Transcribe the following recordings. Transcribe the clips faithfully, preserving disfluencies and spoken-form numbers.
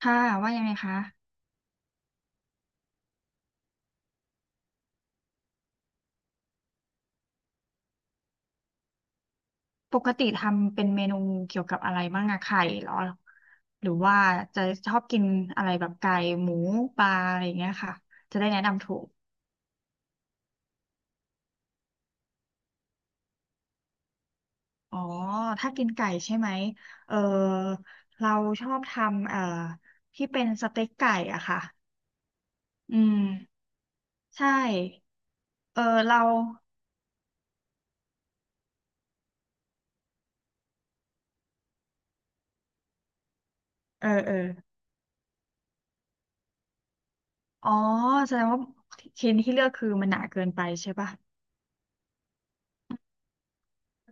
ค่ะว่ายังไงคะปกติทำเป็นเมนูเกี่ยวกับอะไรบ้างอะไข่เหรอหรือว่าจะชอบกินอะไรแบบไก่หมูปลาอะไรอย่างเงี้ยค่ะจะได้แนะนำถูกอ๋อถ้ากินไก่ใช่ไหมเออเราชอบทำเอ่อที่เป็นสเต็กไก่อะค่ะอืมใช่เออเราเออเอออ๋อแสดงว่าชิ้นที่เลือกคือมันหนาเกินไปใช่ปะ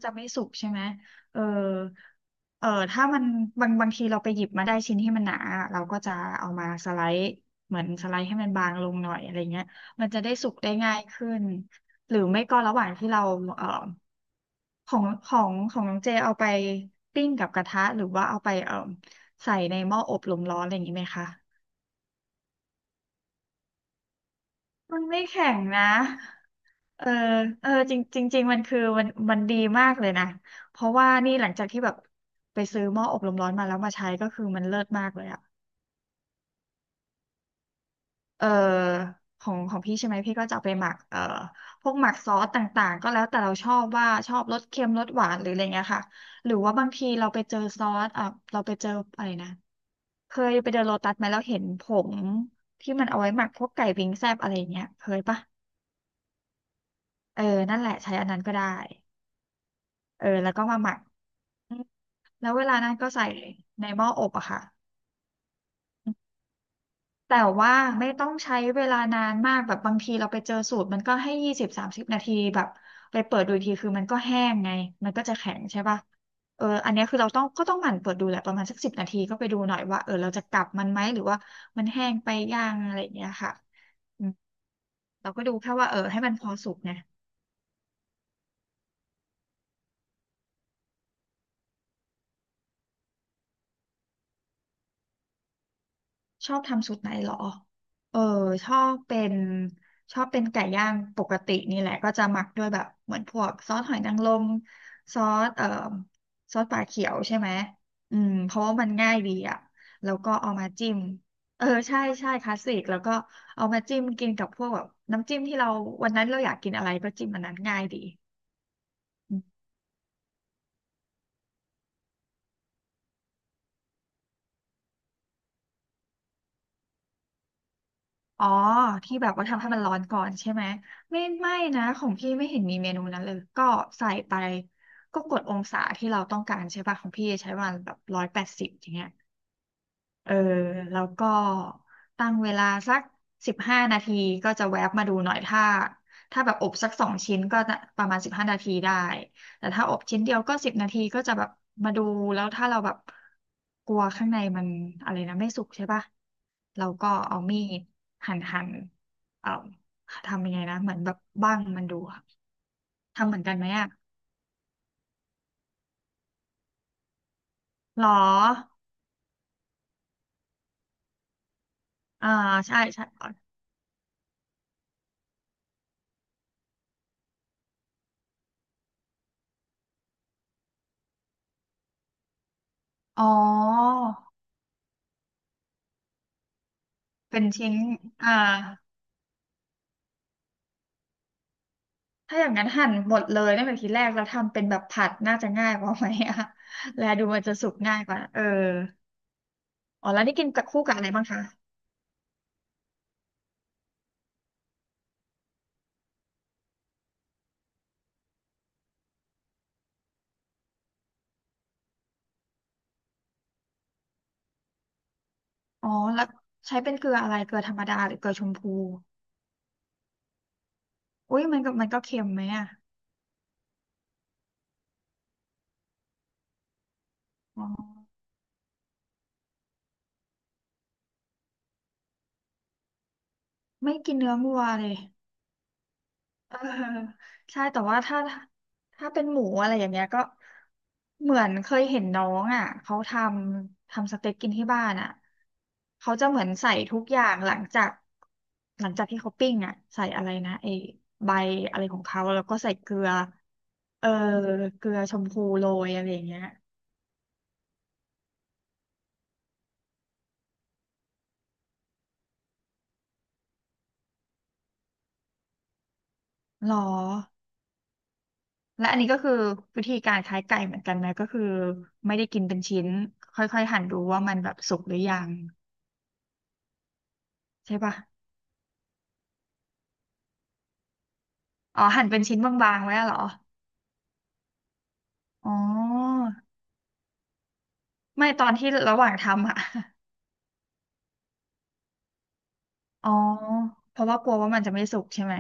จะไม่สุกใช่ไหมเออเออถ้ามันบางบางทีเราไปหยิบมาได้ชิ้นที่มันหนาเราก็จะเอามาสไลด์เหมือนสไลด์ให้มันบางลงหน่อยอะไรเงี้ยมันจะได้สุกได้ง่ายขึ้น หรือไม่ก็ระหว่างที่เราเออของของของน้องเจเอาไปปิ้งกับกระทะหรือว่าเอาไปเออใส่ในหม้ออบลมร้อนอะไรอย่างงี้ไหมคะ มันไม่แข็งนะ เออเออจริงจริงจริงมันคือมันมันดีมากเลยนะเพราะว่านี่หลังจากที่แบบไปซื้อหม้ออบลมร้อนมาแล้วมาใช้ก็คือมันเลิศมากเลยอะเออของของพี่ใช่ไหมพี่ก็จะเอาไปหมักเอ่อพวกหมักซอสต่างๆก็แล้วแต่เราชอบว่าชอบรสเค็มรสหวานหรืออะไรเงี้ยค่ะหรือว่าบางทีเราไปเจอซอสอ่ะเราไปเจออะไรนะเคยไปเดินโลตัสไหมแล้วเห็นผงที่มันเอาไว้หมักพวกไก่วิงแซบอะไรเงี้ยเคยปะเออนั่นแหละใช้อันนั้นก็ได้เออแล้วก็มาหมัก แล้วเวลานั้นก็ใส่ในหม้ออบอะค่ะแต่ว่าไม่ต้องใช้เวลานานมากแบบบางทีเราไปเจอสูตรมันก็ให้ยี่สิบสามสิบนาทีแบบไปเปิดดูอีกทีคือมันก็แห้งไงมันก็จะแข็งใช่ป่ะเอออันเนี้ยคือเราต้องก็ต้องหมั่นเปิดดูแหละประมาณสักสิบนาทีก็ไปดูหน่อยว่าเออเราจะกลับมันไหมหรือว่ามันแห้งไปย่างอะไรอย่างเงี้ยค่ะอืมเราก็ดูแค่ว่าเออให้มันพอสุกไง ชอบทำสูตรไหนเหรอ เออ ชอบเป็นชอบเป็นไก่ย่างปกตินี่แหละก็จะหมักด้วยแบบเหมือนพวกซอสหอยนางรมซอสเอ่อซอสปลาเขียวใช่ไหมอืมเพราะว่ามันง่ายดีอ่ะแล้วก็เอามาจิ้ม เออใช่ใช่คลาสสิกแล้วก็เอามาจิ้มกินกับพวกแบบน้ำจิ้มที่เราวันนั้นเราอยากกินอะไรก็จิ้มอันนั้นง่ายดี อ๋อที่แบบว่าทำให้มันร้อนก่อนใช่ไหมไม่ไม่นะของพี่ไม่เห็นมีเมนูนั้นเลยก็ใส่ไปก็กดองศาที่เราต้องการใช่ป่ะของพี่ใช้วันแบบร้อยแปดสิบอย่างเงี้ย เออแล้วก็ตั้งเวลาสักสิบห้านาทีก็จะแวบมาดูหน่อยถ้าถ้าแบบอบสักสองชิ้นก็จะประมาณสิบห้านาทีได้แต่ถ้าอบชิ้นเดียวก็สิบนาทีก็จะแบบมาดูแล้วถ้าเราแบบกลัวข้างในมันอะไรนะไม่สุกใช่ปะเราก็เอามีดหั่นหั่นเอ่อทำยังไงนะเหมือนแบบบั้งมันดูอะทำเหมือนกันไหมอะหรออ่าใช่ใช่อ๋อเป็นชิ้นอ่า ถ้าอย่างนั้นหั่นหมดเลยตั้งแต่ทีแรกแล้วทำเป็นแบบผัดน่าจะง่ายกว่าไหมอะ แลดูมันจะสุกง่ายกว่า เอออ๋อแล้วนี่กินกับคู่กับอะไรบ้างคะอ๋อแล้วใช้เป็นเกลืออะไรเกลือธรรมดาหรือเกลือชมพู อุ้ยมันก็มันก็เค็มไหมอะอ๋อไม่กินเนื้อวัวเลย เออใช่แต่ว่าถ้าถ้าเป็นหมูอะไรอย่างเงี้ยก็เหมือนเคยเห็นน้องอ่ะเขาทำทำสเต็กกินที่บ้านอ่ะเขาจะเหมือนใส่ทุกอย่างหลังจากหลังจากที่เขาปิ้งอ่ะใส่อะไรนะไอ้ใบอะไรของเขาแล้วก็ใส่เกลือเออเกลือชมพูโรยอะไรอย่างเงี้ยหรอและอันนี้ก็คือวิธีการคล้ายไก่เหมือนกันไหมก็คือไม่ได้กินเป็นชิ้นค่อยๆหั่นดูว่ามันแบบสุกหรือยังใช่ปะ อ๋อหั่นเป็นชิ้นบางๆ ไว้อะเหรออ๋อไม่ตอนที่ระหว่างทำอะ อ๋อเพราะว่ากลัวว่ามันจะไม่สุกใช่ไหม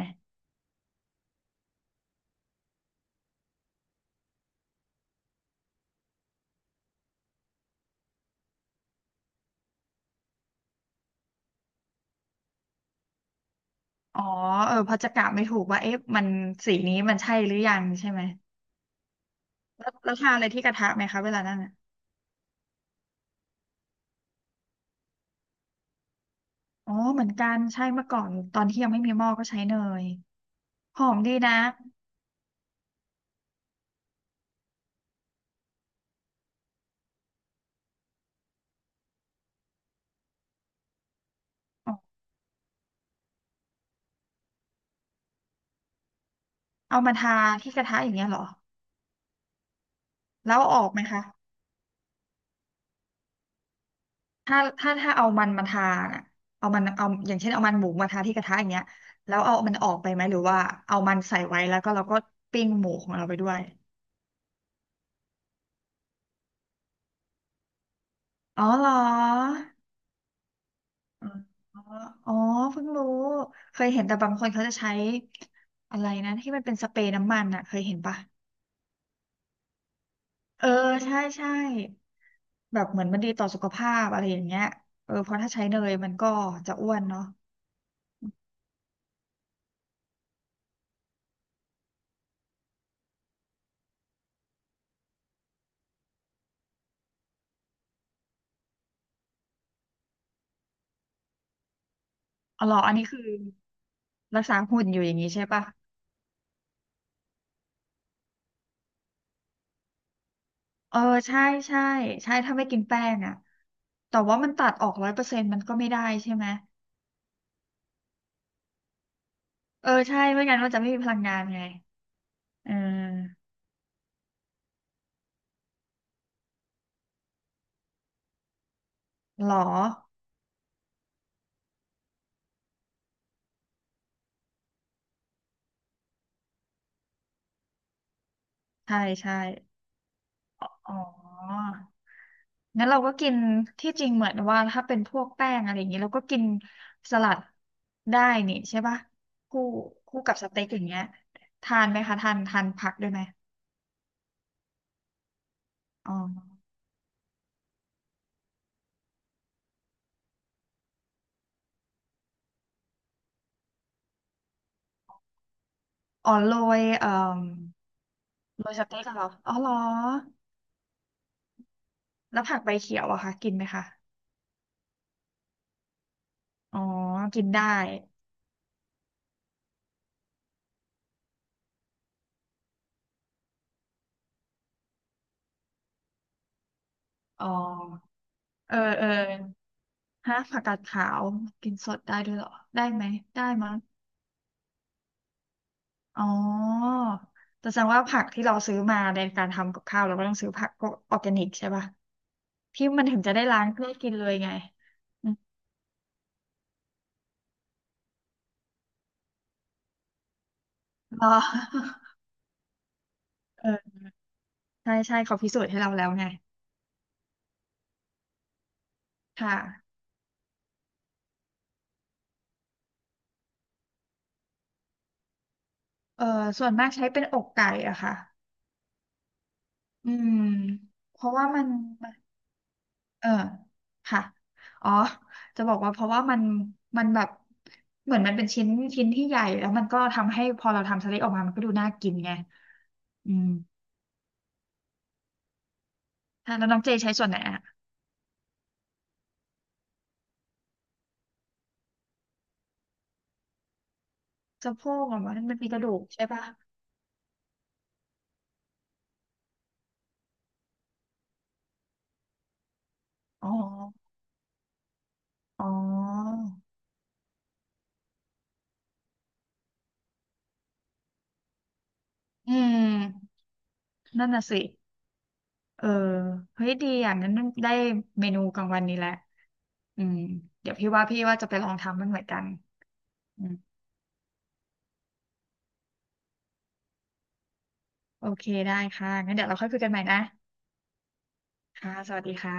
อ๋อเออเพราะจะกะไม่ถูกว่าเอ๊ะมันสีนี้มันใช่หรือยังใช่ไหมแล้วแล้วทานอะไรที่กระทะไหมคะเวลานั้นอ่ะอ๋อเหมือนกันใช่เมื่อก่อนตอนที่ยังไม่มีหม้อก็ใช้เนยหอมดีนะอ๋อเอามาทาที่กระทะอย่างเงี้ยเหรอแล้วเอาออกไหมคะ ถ้าถ้าถ้าเอามันมาทาน่ะเอามันเอาอย่างเช่นเอามันหมูมาทาที่กระทะอย่างเงี้ยแล้วเอามันออกไปไหมหรือว่าเอามันใส่ไว้แล้วก็เราก็ปิ้งหมูของเราไปด้วยอ๋อเหรออ๋ออ๋อเพิ่งรู้เคยเห็นแต่บางคนเขาจะใช้อะไรนะที่มันเป็นสเปรย์น้ำมันอ่ะเคยเห็นปะเออใช่ใช่แบบเหมือนมันดีต่อสุขภาพอะไรอย่างเงี้ยเออเพราะถ้าใช้เนยมันก็จะอ้วนเนาะอ๋อเหรออันนี้คือรักษาหุ่นอยู่อย่างนี้ใช่ปะ เออใช่ใช่ใช่ถ้าไม่กินแป้งอ่ะแต่ว่ามันตัดออกร้อยเปอร์เซ็นต์มันก็ไม่ได้ใช่ไหมเออใช่ไม่งั้นมันจะไม่มีพลังงานไงเออหรอใช่ใช่อ๋องั้นเราก็กินที่จริงเหมือนว่าถ้าเป็นพวกแป้งอะไรอย่างนี้เราก็กินสลัดได้นี่ใช่ปะคู่คู่กับสเต็กอย่างเงี้ยทานไหมคะทานทานผักด้วยไหมอ๋ออ๋อโรยเอ่อโรยสเต็กเหรออ๋อเหรอแล้วผักใบเขียวอะคะกินไหมคะ อ๋อ กินได้อ๋อเออเออฮะผักกาดขาวกินสดได้ด้วยเหรอได้ไหมได้มั้งอ๋อแต่แสดงว่าผักที่เราซื้อมาในการทำกับข้าวเราก็ต้องซื้อผักพวกออร์แกนิกใช่ป่ะที่มันถึงจะได้ล้างได้กินเลยไงอืมรอ เออใช่ใช่เขาพิสูจน์ให้เราแล้วไงค่ะเออส่วนมากใช้เป็นอกไก่อะค่ะอืมเพราะว่ามัน เออค่ะอ๋อจะบอกว่าเพราะว่ามันมันแบบเหมือนมันเป็นชิ้นชิ้นที่ใหญ่แล้วมันก็ทำให้พอเราทำสลตออกมามันก็ดูน่ากินไงอืมค่ะแล้วน้องเจใช้ส่วนไหนอะสะโพกเหรอมันมันมีกระดูกใช่ปะอ๋ออ๋ออืมนั่นน่ะสิเออเฮ้ยดีอ่ะงั้นได้เมนูกลางวันนี้แหละอืมเดี๋ยวพี่ว่าพี่ว่าจะไปลองทำมันเหมือนกันอืมโอเคได้ค่ะงั้นเดี๋ยวเราค่อยคุยกันใหม่นะค่ะสวัสดีค่ะ